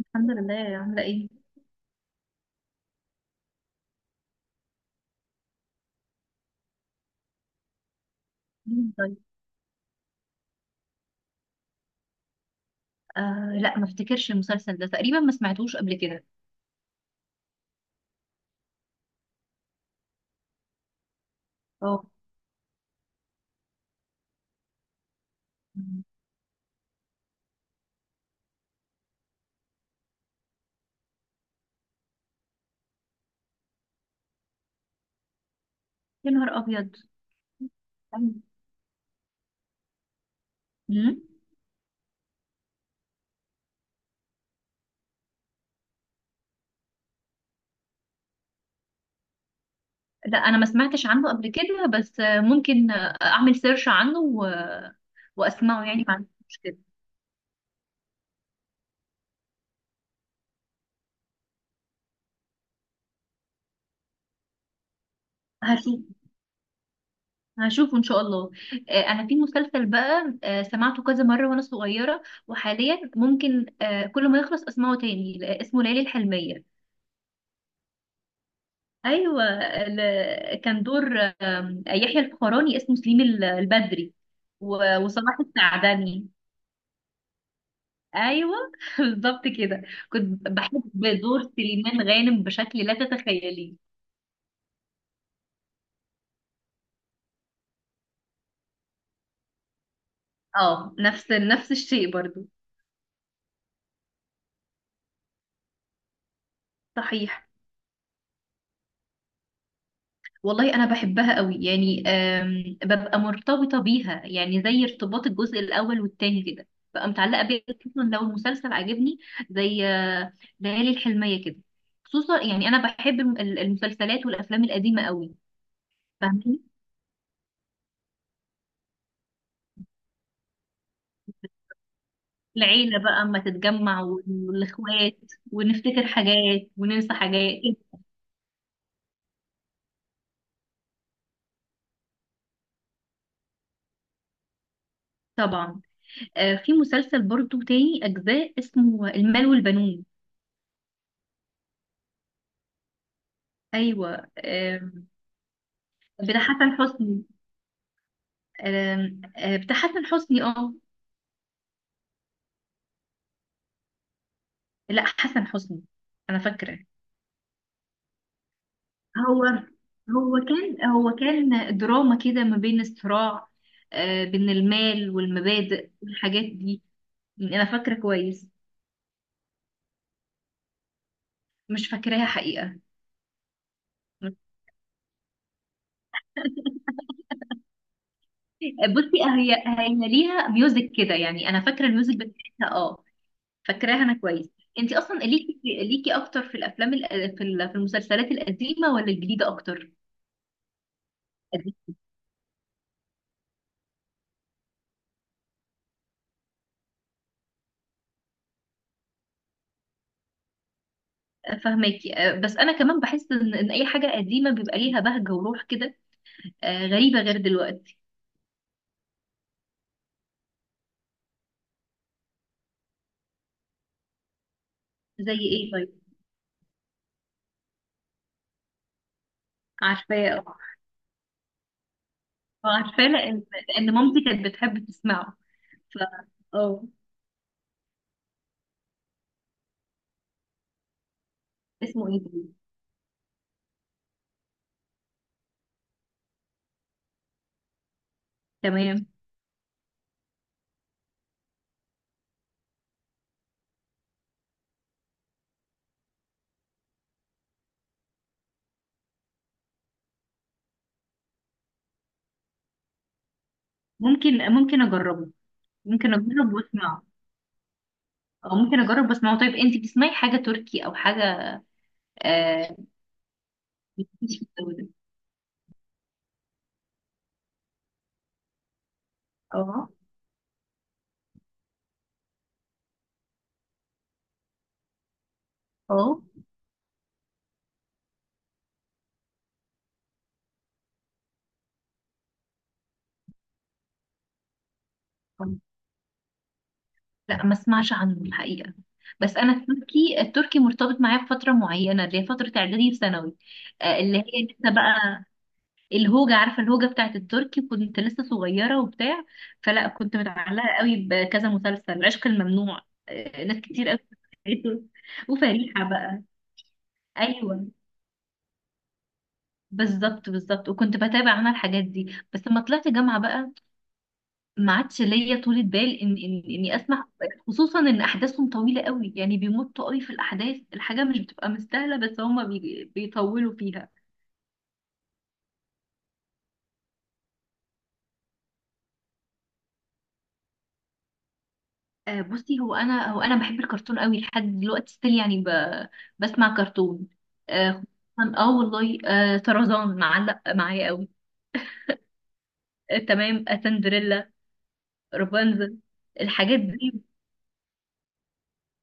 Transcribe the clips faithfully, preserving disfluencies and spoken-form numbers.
الحمد لله، عاملة ايه؟ مم، طيب. آه لا، ما افتكرش المسلسل ده تقريبا، ما سمعتوش قبل كده. اه. مم. يا نهار ابيض. مم. لا، انا ما سمعتش عنه قبل كده، بس آه، ممكن آه، اعمل سيرش عنه و... واسمعه، يعني ما عنديش مشكلة. هشوف، هشوفه ان شاء الله. آه انا في مسلسل بقى آه سمعته كذا مرة وانا صغيرة، وحاليا ممكن آه كل ما يخلص اسمعه تاني. لا، اسمه ليالي الحلمية. ايوه، ال- كان دور آم، يحيى الفخراني، اسمه سليم ال- البدري و- وصلاح السعدني. ايوه بالظبط كده. كنت بحب دور سليمان غانم بشكل لا تتخيليه. اه، نفس نفس الشيء برضو. صحيح. والله انا بحبها قوي، يعني آم، ببقى مرتبطه بيها يعني زي ارتباط الجزء الاول والتاني كده، ببقى متعلقه بيها خصوصا لو المسلسل عجبني، زي آه، ليالي الحلميه كده. خصوصا يعني انا بحب الم- ال- المسلسلات والافلام القديمه قوي. فاهمين. العيله بقى اما تتجمع والاخوات، ونفتكر حاجات وننسى حاجات. طبعا. آه، في مسلسل برضو تاني اجزاء اسمه المال والبنون. ايوه. آم، بتاع حسن حسني. آم، آه، بتاع حسن حسني. اه، لا، حسن حسني. انا فاكره. هو هو كان هو كان دراما كده ما بين الصراع، آه، بين المال والمبادئ والحاجات دي. انا فاكره كويس. مش فاكراها حقيقه. بصي، هي هي ليها ميوزك كده يعني، انا فاكره الميوزك بتاعتها. اه، فاكراها انا كويس. انت اصلا ليكي ليكي اكتر في الافلام، الأ- في ال- في المسلسلات القديمه ولا الجديده اكتر؟ فهماكي. آه، بس انا كمان بحس ان ان اي حاجه قديمه بيبقى ليها بهجه وروح كده، آه، غريبه، غير دلوقتي. زي ايه طيب؟ عارفاه. آه، عارفاه لان لان مامتي كانت بتحب تسمعه. ف، اه اسمه ايه ده؟ تمام. ممكن، ممكن اجربه. ممكن اجرب واسمعه، او ممكن اجرب واسمعه. طيب، انت بتسمعي حاجه تركي او حاجه آه، مش في الجو ده؟ اه. اه، لا، ما اسمعش عنه الحقيقة. بس انا التركي التركي مرتبط معايا بفترة معينة اللي هي فترة اعدادي وثانوي، آه، اللي هي لسه بقى الهوجة. عارفة الهوجة بتاعت التركي؟ كنت لسه صغيرة وبتاع، فلا كنت متعلقة قوي بكذا مسلسل، عشق الممنوع، آه، ناس كتير قوي بتحبه. وفريحة بقى. ايوه، بالظبط بالظبط. وكنت بتابع انا الحاجات دي، بس لما طلعت جامعة بقى ما عادش ليا طولة بال ان ان اني اسمع، خصوصا ان احداثهم طويلة قوي، يعني بيمطوا قوي في الاحداث، الحاجة مش بتبقى مستاهلة بس هما بي- بيطولوا فيها. آه، بصي، هو انا هو انا بحب الكرتون قوي لحد دلوقتي ستيل، يعني ب... بسمع كرتون. اه. خصوصاً- آه والله، آه طرزان معلق معايا قوي. آه تمام. آه سندريلا، رابنزل، الحاجات دي.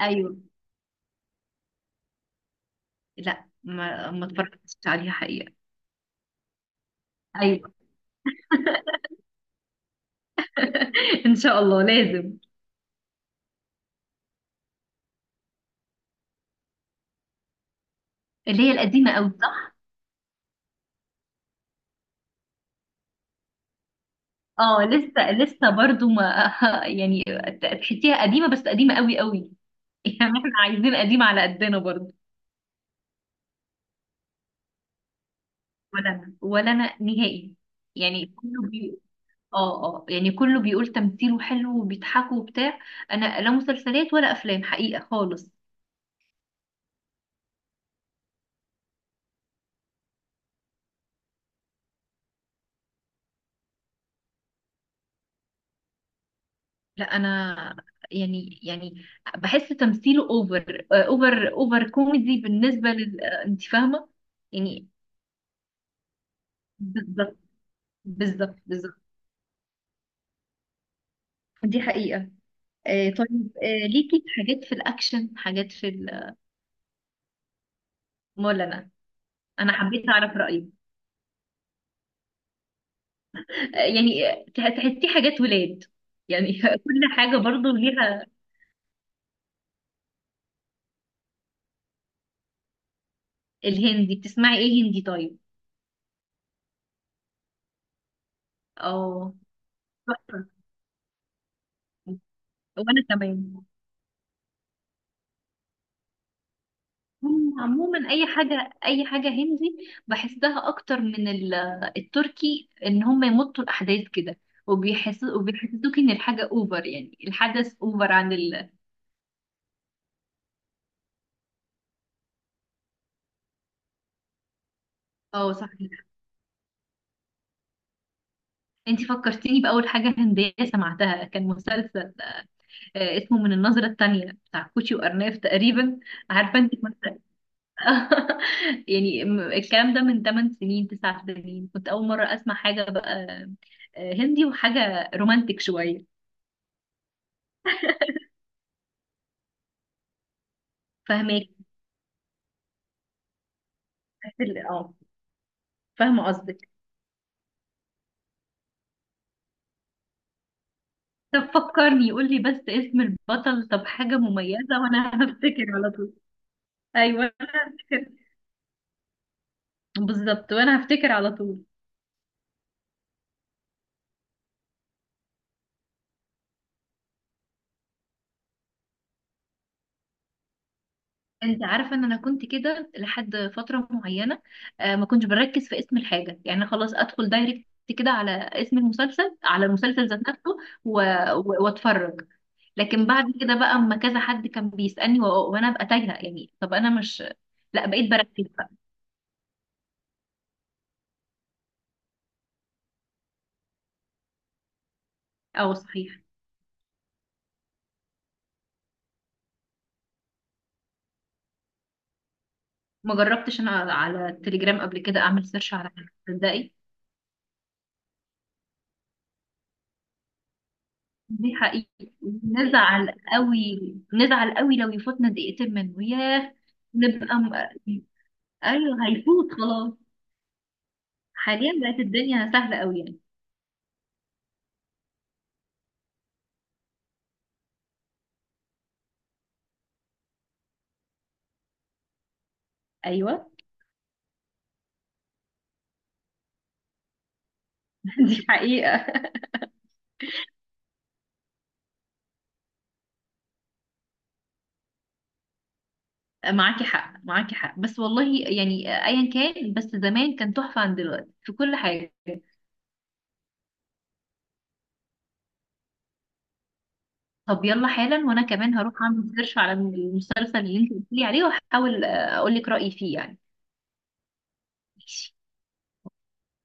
ايوه. لا، ما ما اتفرجتش عليها حقيقة. ايوه ان شاء الله لازم. اللي هي القديمة قوي، صح. اه، لسه لسه برضو ما يعني ت- تحسيها قديمه، بس قديمه قوي قوي يعني احنا عايزين قديمه على قدنا برضو. ولا انا، ولا انا نهائي. يعني كله بي... اه اه يعني كله بيقول تمثيله حلو وبيضحكوا وبتاع. انا لا مسلسلات ولا افلام حقيقه خالص. لا انا. يعني، يعني بحس تمثيله اوفر اوفر اوفر كوميدي، بالنسبه لل، آه، انت فاهمه يعني. بالظبط بالظبط بالظبط. دي حقيقة. آه، طيب. آه، ليكي في حاجات في الأكشن، حاجات في ال- ولا لا؟ أنا حبيت أعرف رأيك. آه، يعني آه، تح- تحسي حاجات ولاد، يعني كل حاجة برضو ليها. الهندي بتسمعي إيه هندي طيب؟ اه، تحفة. وأنا كمان. هم عموما أي حاجة أي حاجة هندي، بحسها أكتر من ال- التركي، إن هم يمطوا الأحداث كده، وبيحسوا وبيحسسوك إن الحاجة أوفر، يعني الحدث أوفر عن ال. اه، صح. انتي فكرتيني بأول حاجة هندية سمعتها، كان مسلسل آه، اسمه من النظرة التانية، بتاع كوتشي وأرناف تقريبا. عارفة انتي كنت- يعني م- الكلام ده من ثمان سنين، تسعة سنين، كنت أول مرة أسمع حاجة بقى آه، هندي وحاجة رومانتك شوية. فاهماك. بس ال- اه فاهمة قصدك. طب فكرني، قولي بس اسم البطل، طب حاجة مميزة، وأنا هفتكر على طول. أيوة. أنا هفتكر. بالظبط، وأنا هفتكر على طول. انت عارفه ان انا كنت كده لحد فتره معينه، آه، ما كنتش بركز في اسم الحاجه، يعني خلاص ادخل دايركت كده على اسم المسلسل، على المسلسل ذات نفسه و- و- واتفرج. لكن بعد كده بقى اما كذا حد كان بيسالني و- وانا ابقى تايهه، يعني طب انا مش. لا، بقيت بركز بقى. اه، صحيح. ما جربتش انا على على التليجرام قبل كده اعمل سيرش على حاجه، تصدقي. دي حقيقي. نزعل قوي، نزعل قوي لو يفوتنا دقيقتين منه، ياه. نبقى م- ايوه، هيفوت خلاص. حاليا بقت الدنيا سهله قوي يعني. ايوه دي حقيقه. معاكي حق، معاكي حق، بس والله يعني ايا كان، بس زمان كان تحفه عن دلوقتي في كل حاجه. طب يلا حالا، وانا كمان هروح اعمل سيرش على المسلسل اللي انت قلت لي عليه واحاول اقول لك رايي فيه يعني.